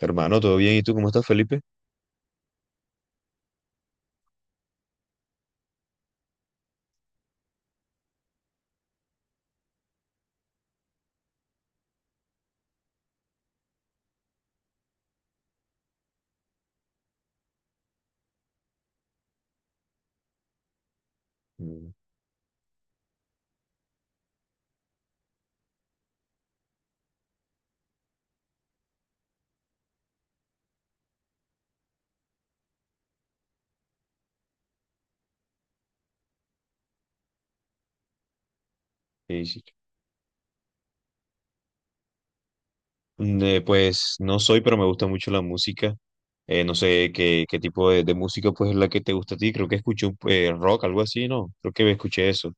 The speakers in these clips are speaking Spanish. Hermano, ¿todo bien? ¿Y tú cómo estás, Felipe? Mm, sí, sí. Pues no soy, pero me gusta mucho la música. No sé qué tipo de música pues es la que te gusta a ti. Creo que escuché rock, algo así, ¿no? Creo que escuché eso.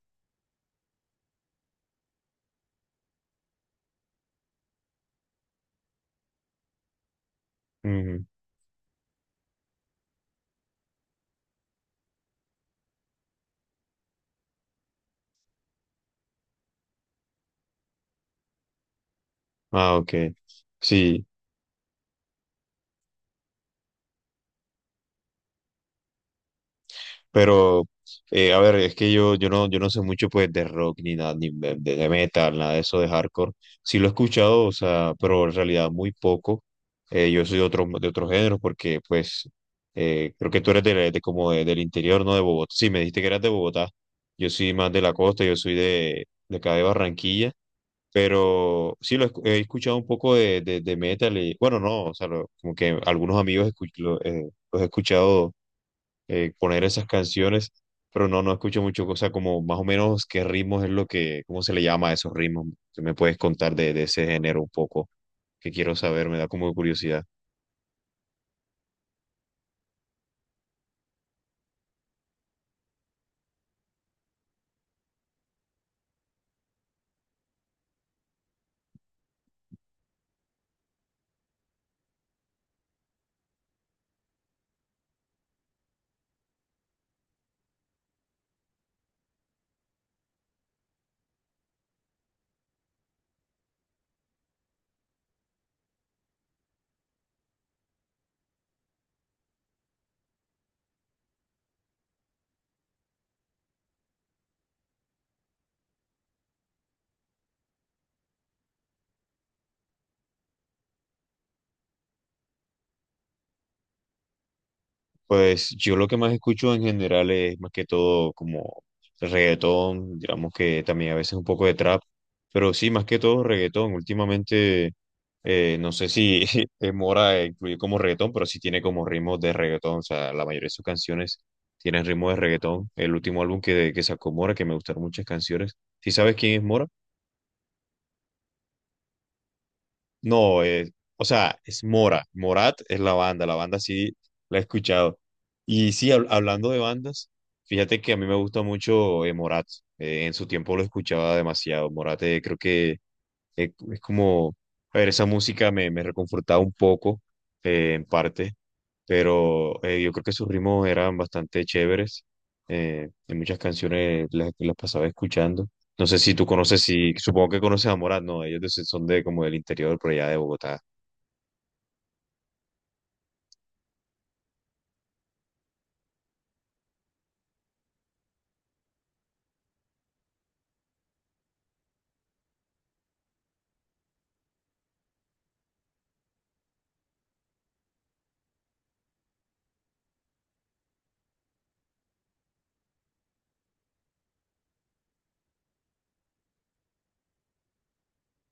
Ujú. Ah, ok. Sí, pero a ver, es que yo no sé mucho pues de rock ni nada, ni de metal, nada de eso de hardcore. Sí lo he escuchado, o sea, pero en realidad muy poco. Yo soy de de otro género porque pues creo que tú eres de como del interior, ¿no? De Bogotá. Sí, me dijiste que eras de Bogotá. Yo soy más de la costa, yo soy de acá de Barranquilla. Pero sí, he escuchado un poco de metal y, bueno, no, o sea, como que algunos amigos los he escuchado poner esas canciones, pero no escucho mucho, cosa como más o menos qué ritmos es lo que, cómo se le llama a esos ritmos. Si me puedes contar de ese género un poco, que quiero saber, me da como curiosidad. Pues yo lo que más escucho en general es más que todo como reggaetón, digamos que también a veces un poco de trap, pero sí, más que todo reggaetón. Últimamente, no sé si Mora incluye como reggaetón, pero sí tiene como ritmos de reggaetón, o sea, la mayoría de sus canciones tienen ritmos de reggaetón. El último álbum que sacó Mora, que me gustaron muchas canciones. ¿Sí sabes quién es Mora? No, o sea, es Mora. Morat es la banda sí la he escuchado. Y sí, hablando de bandas, fíjate que a mí me gusta mucho Morat. En su tiempo lo escuchaba demasiado. Morat creo que es como, a ver, esa música me reconfortaba un poco, en parte, pero yo creo que sus ritmos eran bastante chéveres hay muchas canciones las que las pasaba escuchando. No sé si tú conoces, si supongo que conoces a Morat, no, son de como del interior, por allá de Bogotá.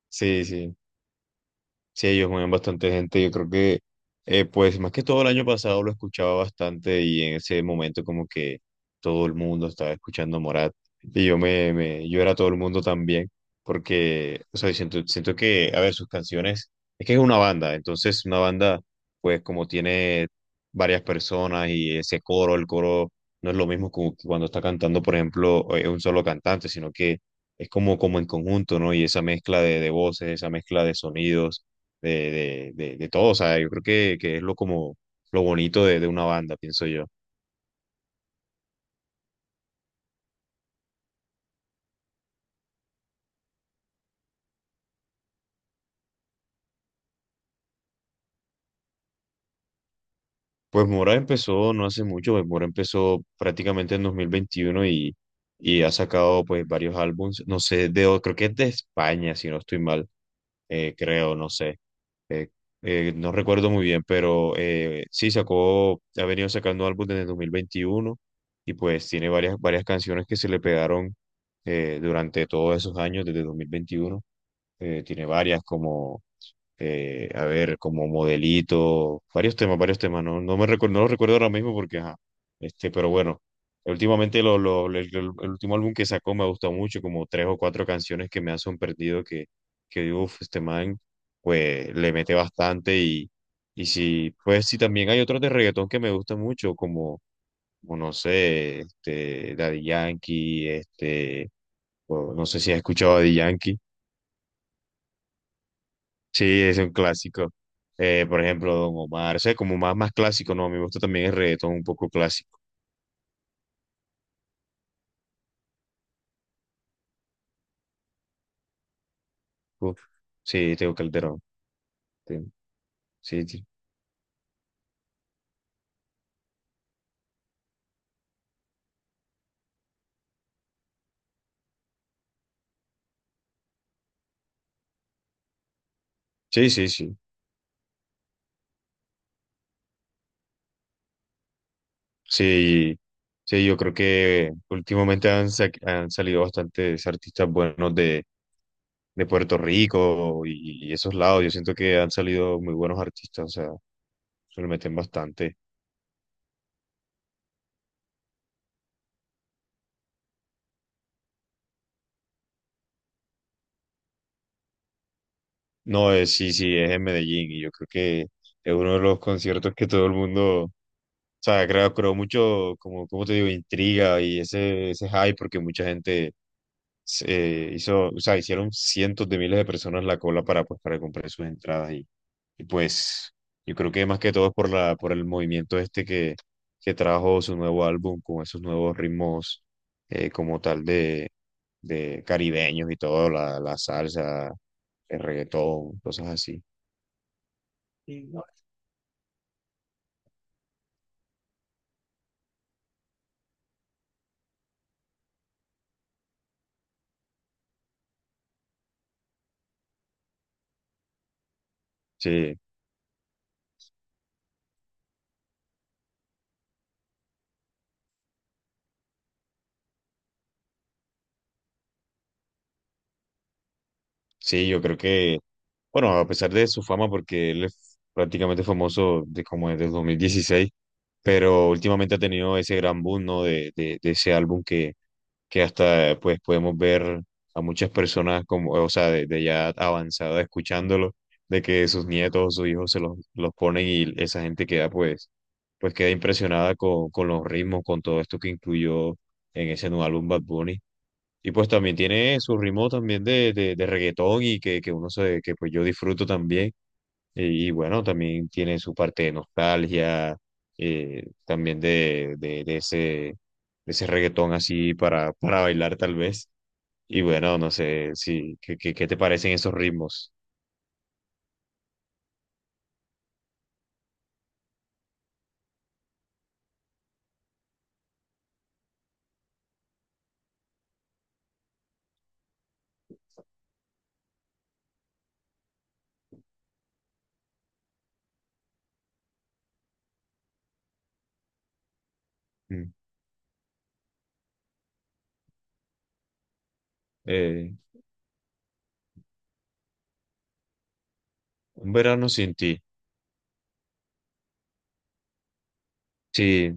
Sí, sí. Sí, ellos mueven bastante gente. Yo creo que, pues, más que todo el año pasado lo escuchaba bastante y en ese momento como que todo el mundo estaba escuchando Morat y yo era todo el mundo también porque, o sea, siento que, a ver, sus canciones, es que es una banda, entonces una banda, pues, como tiene varias personas y ese coro, el coro no es lo mismo como que cuando está cantando, por ejemplo, un solo cantante, sino que es como, como en conjunto, ¿no? Y esa mezcla de voces, esa mezcla de sonidos de todo. O sea, yo creo que es lo como lo bonito de una banda, pienso yo. Pues Mora empezó no hace mucho, pues Mora empezó prácticamente en 2021 y ha sacado pues varios álbumes, no sé, de, creo que es de España, si no estoy mal, creo, no sé, eh, no recuerdo muy bien, pero sí sacó, ha venido sacando álbumes desde 2021 y pues tiene varias canciones que se le pegaron durante todos esos años, desde 2021, tiene varias como a ver, como modelito, varios temas, no, no me recuerdo, no lo recuerdo ahora mismo porque, ajá, este, pero bueno, últimamente el último álbum que sacó me gustó mucho, como tres o cuatro canciones que me han sorprendido que uff, este man, pues le mete bastante y sí, pues sí, también hay otros de reggaetón que me gustan mucho, como, como no sé, este, Daddy Yankee, este, o no sé si has escuchado a Daddy Yankee. Sí, es un clásico. Por ejemplo, Don Omar, o sea, como más, más clásico, no, a mí me gusta también el reggaetón un poco clásico. Uf, sí, tengo Calderón. Sí, sí, sí, sí, sí, sí. Sí, sí, yo creo que últimamente han salido bastantes artistas buenos de Puerto Rico y esos lados. Yo siento que han salido muy buenos artistas, o sea, se lo meten bastante. No, es, sí, sí, es en Medellín y yo creo que es uno de los conciertos que todo el mundo... O sea, creo mucho, como, como te digo, intriga y ese hype, porque mucha gente se hizo, o sea, hicieron cientos de miles de personas la cola para, pues, para comprar sus entradas y pues yo creo que más que todo es por por el movimiento este que trajo su nuevo álbum con esos nuevos ritmos como tal de caribeños y todo, la salsa, el reggaetón, cosas así. Sí. Sí, yo creo que, bueno, a pesar de su fama, porque él es prácticamente famoso de como desde el 2016, pero últimamente ha tenido ese gran boom, ¿no? De, de ese álbum que hasta pues podemos ver a muchas personas como, o sea, de ya avanzada escuchándolo, de que sus nietos o sus hijos los ponen y esa gente queda pues, pues queda impresionada con los ritmos, con todo esto que incluyó en ese nuevo álbum Bad Bunny. Y pues también tiene su ritmo también de reggaetón y que uno se, que pues yo disfruto también. Y bueno, también tiene su parte de nostalgia, también de ese reggaetón así para bailar tal vez. Y bueno, no sé si, ¿ qué te parecen esos ritmos? Mm. Eh, un verano sin ti. Sí,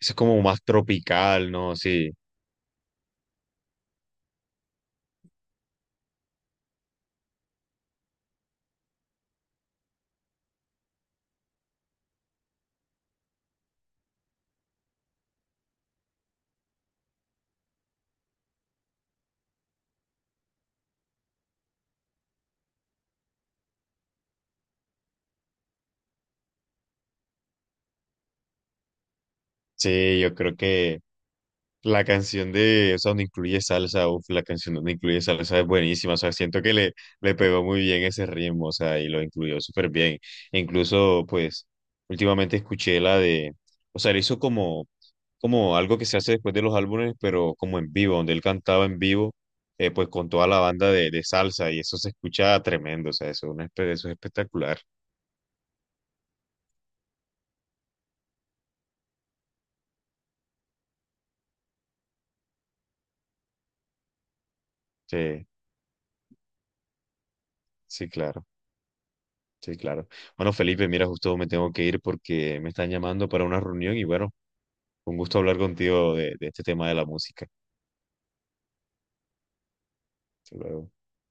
eso es como más tropical, ¿no? Sí, sí, yo creo que... La canción de, o sea, donde incluye salsa, uf, la canción donde incluye salsa es buenísima, o sea, siento que le pegó muy bien ese ritmo, o sea, y lo incluyó súper bien. E incluso, pues, últimamente escuché la de, o sea, le hizo como, como algo que se hace después de los álbumes, pero como en vivo, donde él cantaba en vivo, pues con toda la banda de salsa, y eso se escucha tremendo, o sea, eso, eso es espectacular. Sí, sí, claro. Sí, claro. Bueno, Felipe, mira, justo me tengo que ir porque me están llamando para una reunión y bueno, un gusto hablar contigo de este tema de la música. Hasta luego.